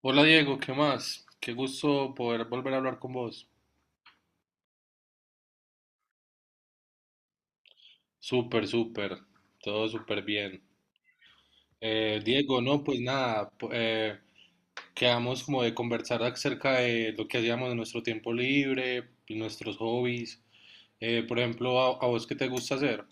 Hola Diego, ¿qué más? Qué gusto poder volver a hablar con vos. Súper, súper, todo súper bien. Diego, no, pues nada, quedamos como de conversar acerca de lo que hacíamos en nuestro tiempo libre, y nuestros hobbies. Por ejemplo, a vos ¿qué te gusta hacer?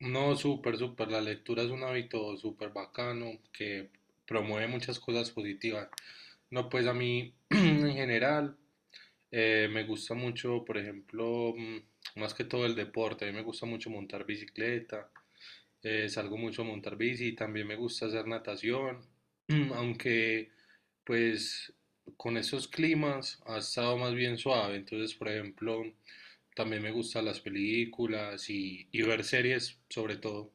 No, súper, súper, la lectura es un hábito súper bacano que promueve muchas cosas positivas. No, pues a mí en general. Me gusta mucho, por ejemplo, más que todo el deporte. A mí me gusta mucho montar bicicleta, salgo mucho a montar bici, y también me gusta hacer natación, aunque pues con esos climas ha estado más bien suave. Entonces, por ejemplo, también me gustan las películas y ver series sobre todo.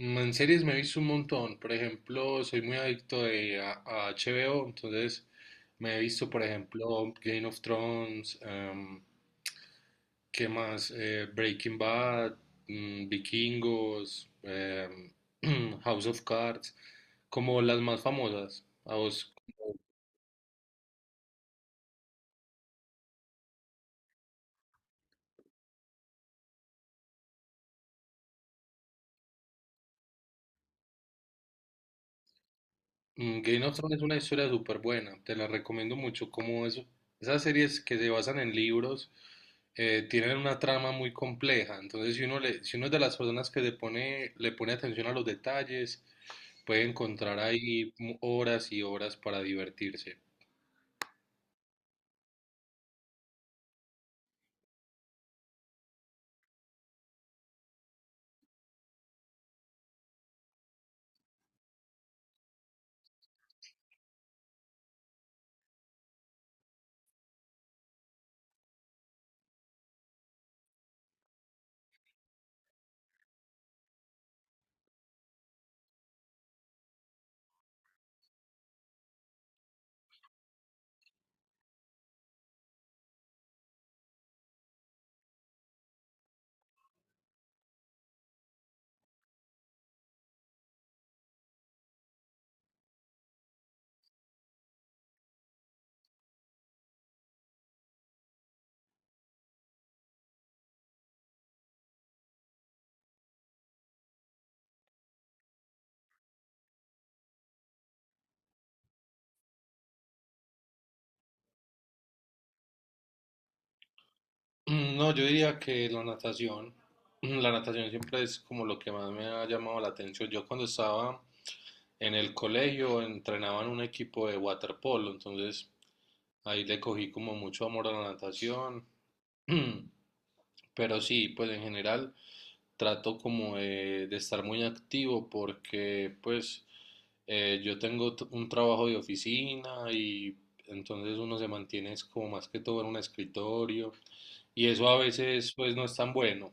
En series me he visto un montón. Por ejemplo, soy muy adicto a HBO, entonces... Me he visto, por ejemplo, Game of Thrones, ¿qué más? Breaking Bad, Vikingos, House of Cards, como las más famosas. A vos, Game of Thrones es una historia súper buena, te la recomiendo mucho. Como eso, esas series que se basan en libros tienen una trama muy compleja. Entonces, si uno es de las personas que le pone atención a los detalles, puede encontrar ahí horas y horas para divertirse. No, yo diría que la natación, la natación siempre es como lo que más me ha llamado la atención. Yo cuando estaba en el colegio entrenaba en un equipo de waterpolo, entonces ahí le cogí como mucho amor a la natación. Pero sí, pues en general trato como de estar muy activo porque pues yo tengo un trabajo de oficina y entonces uno se mantiene es como más que todo en un escritorio y eso a veces pues no es tan bueno.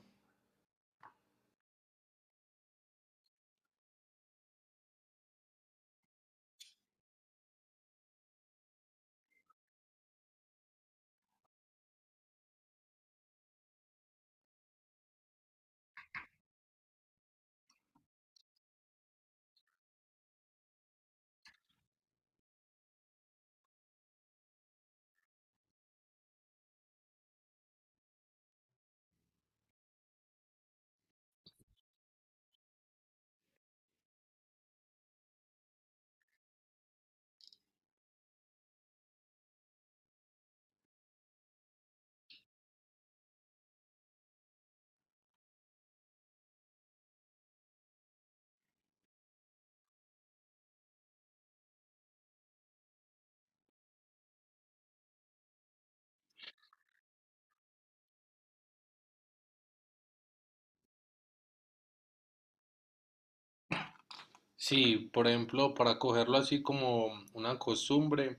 Sí, por ejemplo, para cogerlo así como una costumbre,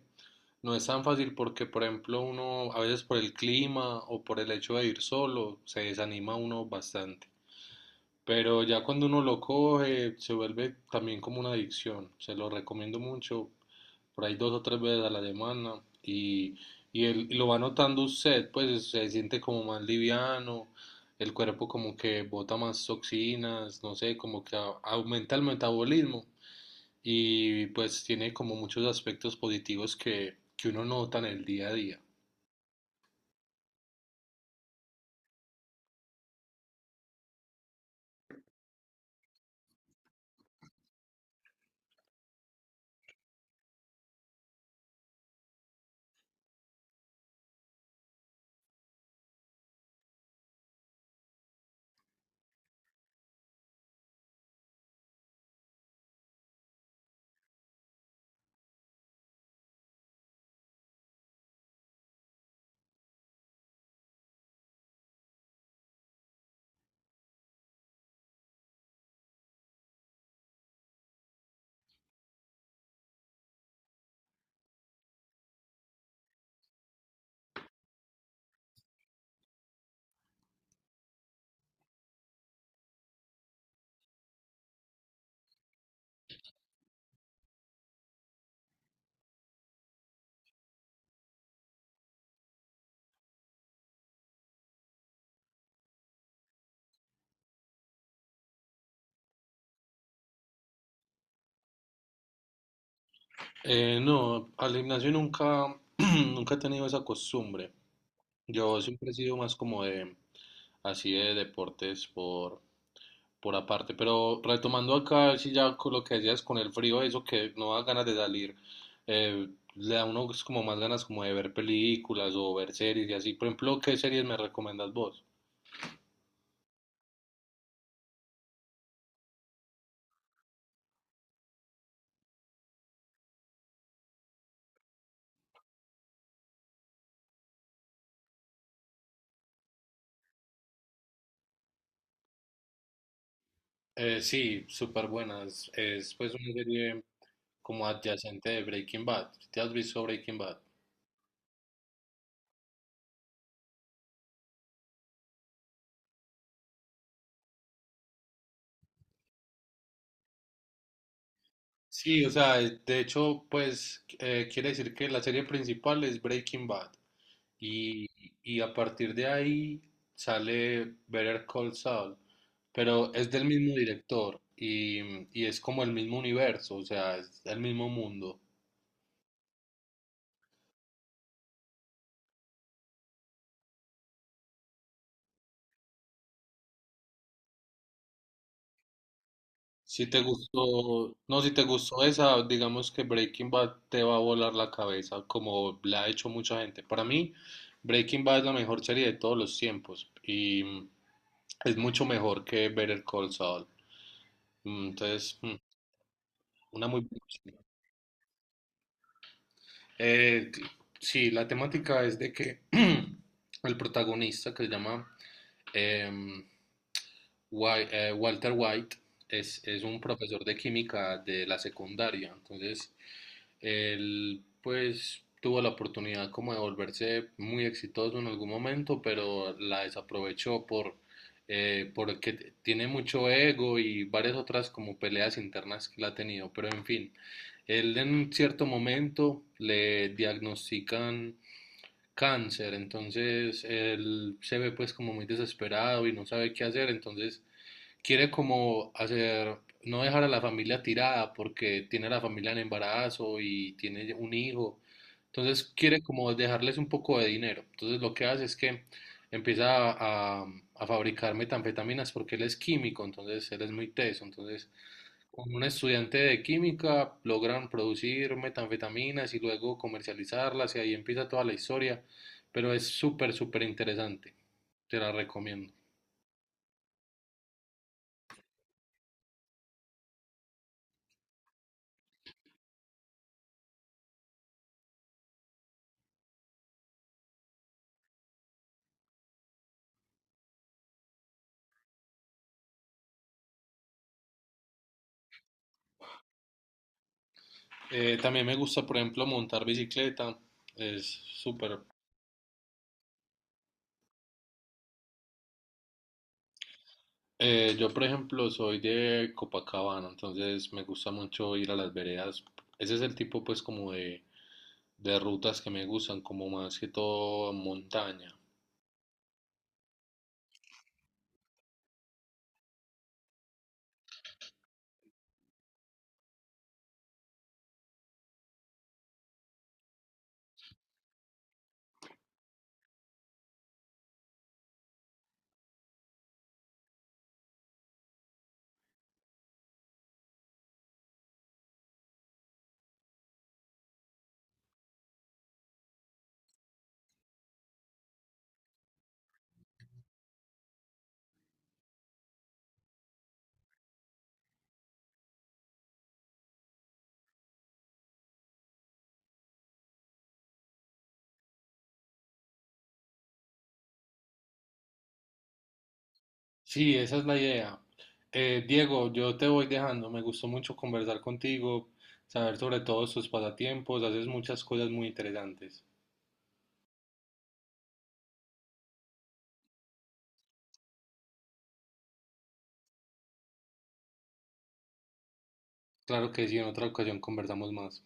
no es tan fácil porque, por ejemplo, uno a veces por el clima o por el hecho de ir solo, se desanima uno bastante. Pero ya cuando uno lo coge, se vuelve también como una adicción. Se lo recomiendo mucho por ahí dos o tres veces a la semana y él y lo va notando usted, pues se siente como más liviano, el cuerpo como que bota más toxinas, no sé, como que aumenta el metabolismo y pues tiene como muchos aspectos positivos que uno nota en el día a día. No, al gimnasio nunca, nunca he tenido esa costumbre. Yo siempre he sido más como así de deportes por aparte. Pero retomando acá, si ya con lo que decías con el frío, eso que no da ganas de salir, eh, le da a uno pues, como más ganas como de ver películas o ver series y así. Por ejemplo, ¿qué series me recomiendas vos? Sí, súper buenas. Es pues una serie como adyacente de Breaking Bad. ¿Te has visto Breaking Bad? Sí, o sea, de hecho, pues quiere decir que la serie principal es Breaking Bad y, y a partir de ahí sale Better Call Saul, pero es del mismo director y es como el mismo universo, o sea, es el mismo mundo. Si te gustó, no, si te gustó esa, digamos que Breaking Bad te va a volar la cabeza, como la ha hecho mucha gente. Para mí, Breaking Bad es la mejor serie de todos los tiempos y es mucho mejor que Better Call Saul. Entonces, una muy buena serie. Eh, c- sí, la temática es de que el protagonista que se llama em, Walter White es un profesor de química de la secundaria, entonces él pues tuvo la oportunidad como de volverse muy exitoso en algún momento, pero la desaprovechó por, porque tiene mucho ego y varias otras como peleas internas que la ha tenido, pero en fin, él en cierto momento le diagnostican cáncer, entonces él se ve pues como muy desesperado y no sabe qué hacer, entonces quiere como hacer, no dejar a la familia tirada porque tiene a la familia en embarazo y tiene un hijo. Entonces quiere como dejarles un poco de dinero. Entonces lo que hace es que empieza a fabricar metanfetaminas porque él es químico, entonces él es muy teso. Entonces con un estudiante de química logran producir metanfetaminas y luego comercializarlas y ahí empieza toda la historia. Pero es súper, súper interesante. Te la recomiendo. También me gusta, por ejemplo, montar bicicleta. Es súper. Yo, por ejemplo, soy de Copacabana, entonces me gusta mucho ir a las veredas. Ese es el tipo, pues, como de rutas que me gustan, como más que todo montaña. Sí, esa es la idea. Diego, yo te voy dejando. Me gustó mucho conversar contigo, saber sobre todos tus pasatiempos. Haces muchas cosas muy interesantes. Claro que sí, en otra ocasión conversamos más.